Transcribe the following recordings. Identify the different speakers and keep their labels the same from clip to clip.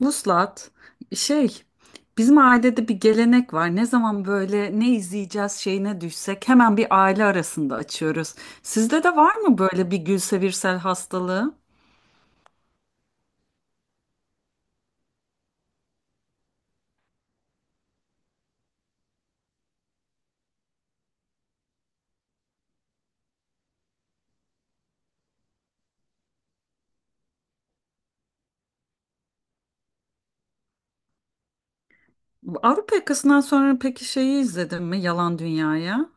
Speaker 1: Vuslat, şey, bizim ailede bir gelenek var. Ne zaman böyle ne izleyeceğiz şeyine düşsek hemen bir aile arasında açıyoruz. Sizde de var mı böyle bir Gülsevirsel hastalığı? Avrupa Yakası'ndan sonra peki şeyi izledin mi? Yalan Dünya'ya.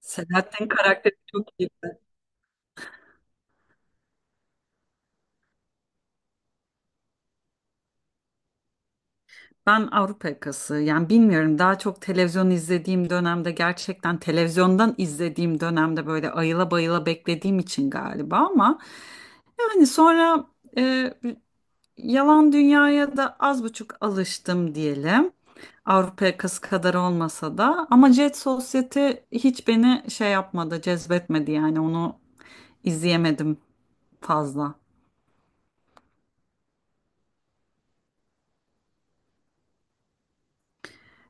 Speaker 1: Selahattin karakteri çok iyi. Ben Avrupa Yakası yani bilmiyorum daha çok televizyon izlediğim dönemde gerçekten televizyondan izlediğim dönemde böyle ayıla bayıla beklediğim için galiba ama yani sonra Yalan dünyaya da az buçuk alıştım diyelim. Avrupa yakası kadar olmasa da ama Jet Society hiç beni şey yapmadı, cezbetmedi yani onu izleyemedim fazla.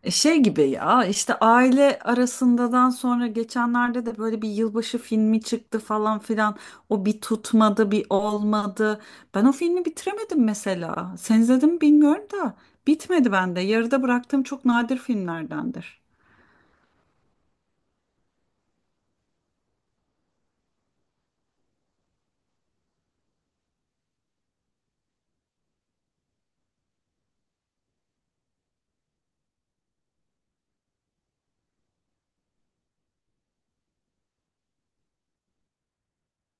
Speaker 1: Şey gibi ya işte aile arasındadan sonra geçenlerde de böyle bir yılbaşı filmi çıktı falan filan. O bir tutmadı, bir olmadı. Ben o filmi bitiremedim mesela. Sen izledin mi bilmiyorum da bitmedi bende. Yarıda bıraktığım çok nadir filmlerdendir.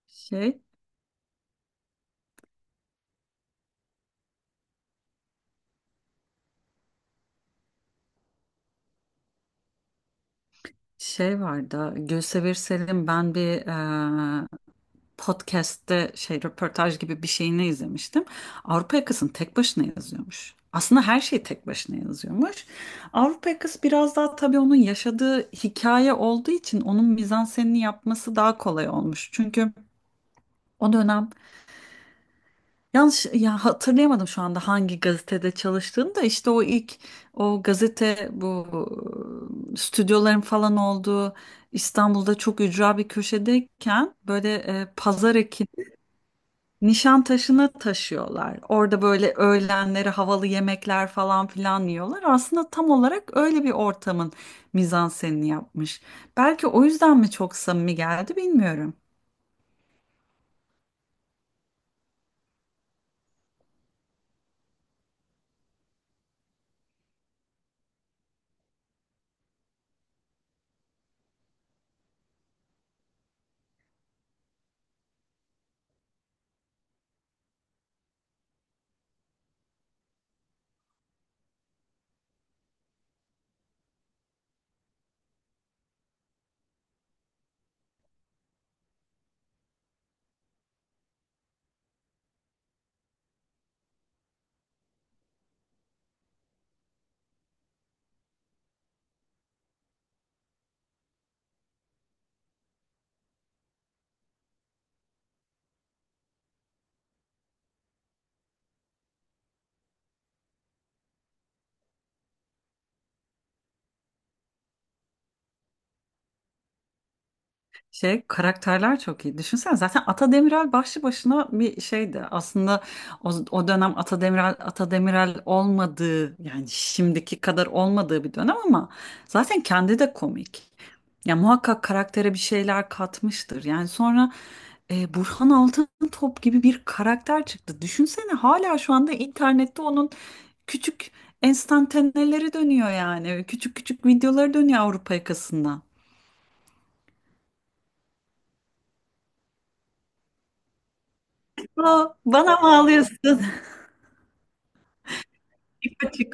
Speaker 1: Şey Şey vardı, Gülsever Sel'in ben bir e, podcast'te şey röportaj gibi bir şeyini izlemiştim. Avrupa Yakası'nı tek başına yazıyormuş. Aslında her şeyi tek başına yazıyormuş. Avrupa Yakası biraz daha tabii onun yaşadığı hikaye olduğu için onun mizansenini yapması daha kolay olmuş. Çünkü o dönem Yanlış ya hatırlayamadım şu anda hangi gazetede çalıştığını da işte o ilk o gazete bu stüdyoların falan olduğu İstanbul'da çok ücra bir köşedeyken böyle pazar ekini Nişantaşı'na taşıyorlar. Orada böyle öğlenleri havalı yemekler falan filan yiyorlar. Aslında tam olarak öyle bir ortamın mizansenini yapmış. Belki o yüzden mi çok samimi geldi bilmiyorum. Şey karakterler çok iyi. Düşünsene zaten Ata Demiral başlı başına bir şeydi. Aslında o, o dönem Ata Demiral Ata Demiral olmadığı yani şimdiki kadar olmadığı bir dönem ama zaten kendi de komik. Ya muhakkak karaktere bir şeyler katmıştır. Yani sonra Burhan Altıntop gibi bir karakter çıktı. Düşünsene hala şu anda internette onun küçük enstantaneleri dönüyor yani. Küçük küçük videoları dönüyor Avrupa yakasında. Aa, bana mı ağlıyorsun? Tipo, te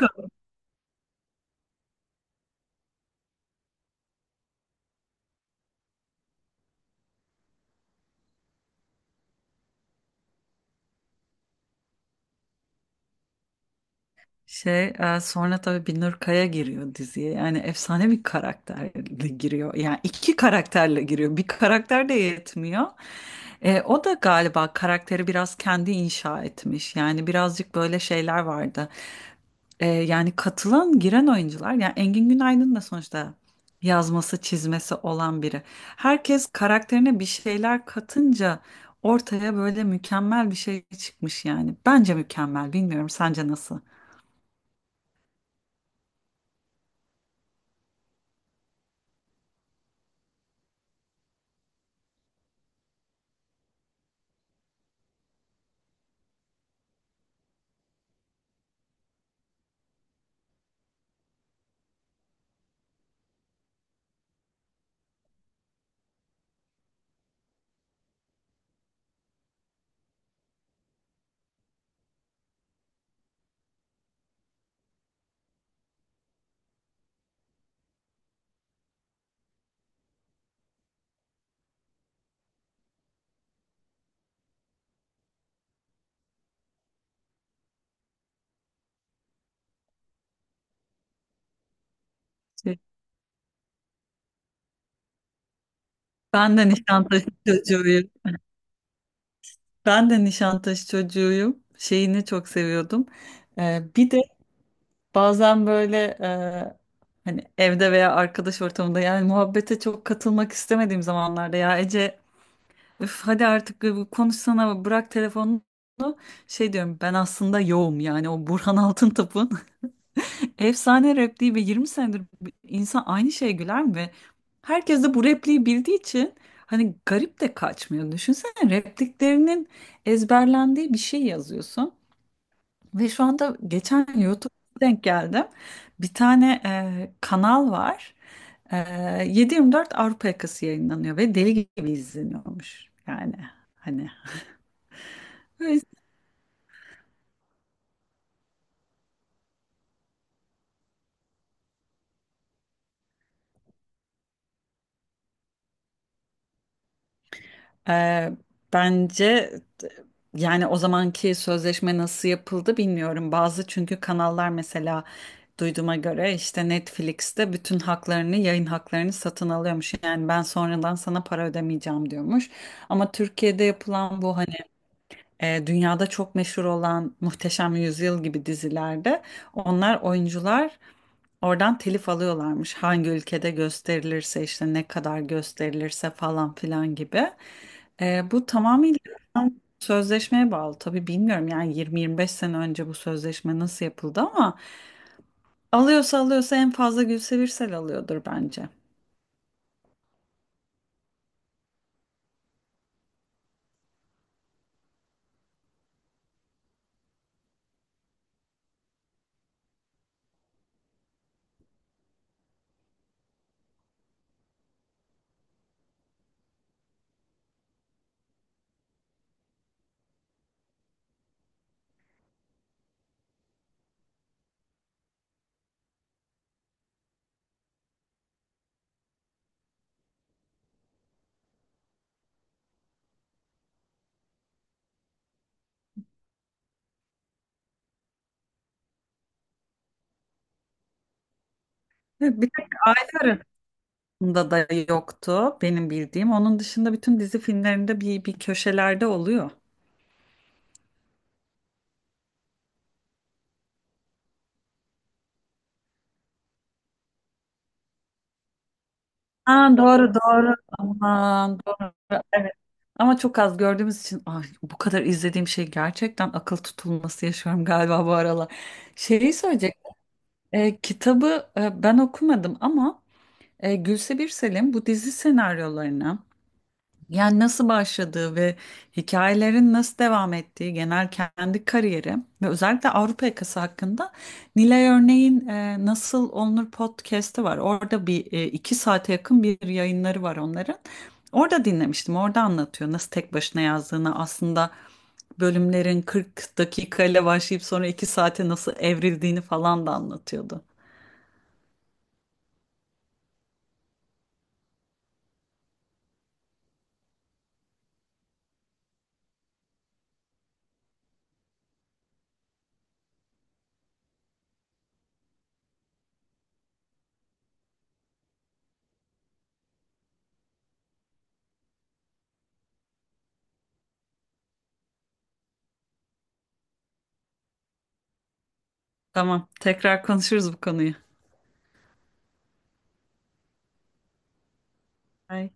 Speaker 1: Sonra tabii Binur Kaya giriyor diziye. Yani efsane bir karakterle giriyor. Yani iki karakterle giriyor. Bir karakter de yetmiyor. O da galiba karakteri biraz kendi inşa etmiş. Yani birazcık böyle şeyler vardı. Yani katılan, giren oyuncular. Yani Engin Günaydın da sonuçta yazması, çizmesi olan biri. Herkes karakterine bir şeyler katınca ortaya böyle mükemmel bir şey çıkmış yani. Bence mükemmel. Bilmiyorum sence nasıl? Ben de Nişantaşı çocuğuyum. Ben de Nişantaşı çocuğuyum. Şeyini çok seviyordum. Bir de bazen böyle hani evde veya arkadaş ortamında yani muhabbete çok katılmak istemediğim zamanlarda ya Ece üf, hadi artık bir konuşsana bırak telefonunu şey diyorum ben aslında yoğum yani o Burhan Altıntop'un Efsane repliği ve 20 senedir bu- insan aynı şeye güler mi? Herkes de bu repliği bildiği için hani garip de kaçmıyor. Düşünsene repliklerinin ezberlendiği bir şey yazıyorsun. Ve şu anda geçen YouTube'a denk geldim. Bir tane kanal var. E, 7/24 Avrupa Yakası yayınlanıyor ve deli gibi izleniyormuş. Yani hani böyle Ee, bence yani o zamanki sözleşme nasıl yapıldı bilmiyorum. Bazı çünkü kanallar mesela duyduğuma göre işte Netflix'te bütün haklarını, yayın haklarını satın alıyormuş. Yani ben sonradan sana para ödemeyeceğim diyormuş. Ama Türkiye'de yapılan bu hani dünyada çok meşhur olan Muhteşem Yüzyıl gibi dizilerde onlar oyuncular oradan telif alıyorlarmış. Hangi ülkede gösterilirse işte ne kadar gösterilirse falan filan gibi. Bu tamamıyla sözleşmeye bağlı. Tabii bilmiyorum yani 20-25 sene önce bu sözleşme nasıl yapıldı ama alıyorsa alıyorsa en fazla Gülse Birsel alıyordur bence. Evet, bir tek aile arasında da yoktu benim bildiğim. Onun dışında bütün dizi filmlerinde bir, bir köşelerde oluyor. Ha, doğru doğru. Aman doğru. Evet. Ama çok az gördüğümüz için ay, bu kadar izlediğim şey gerçekten akıl tutulması yaşıyorum galiba bu aralar. Şeyi söyleyecek. Kitabı ben okumadım ama Gülse Birsel'in bu dizi senaryolarını yani nasıl başladığı ve hikayelerin nasıl devam ettiği genel kendi kariyeri ve özellikle Avrupa yakası hakkında Nilay Örneğin Nasıl Olunur podcast'i var. Orada bir 2 saate yakın bir yayınları var onların. Orada dinlemiştim. Orada anlatıyor nasıl tek başına yazdığını aslında bölümlerin 40 dakikayla başlayıp sonra 2 saate nasıl evrildiğini falan da anlatıyordu. Tamam, tekrar konuşuruz bu konuyu. Bye.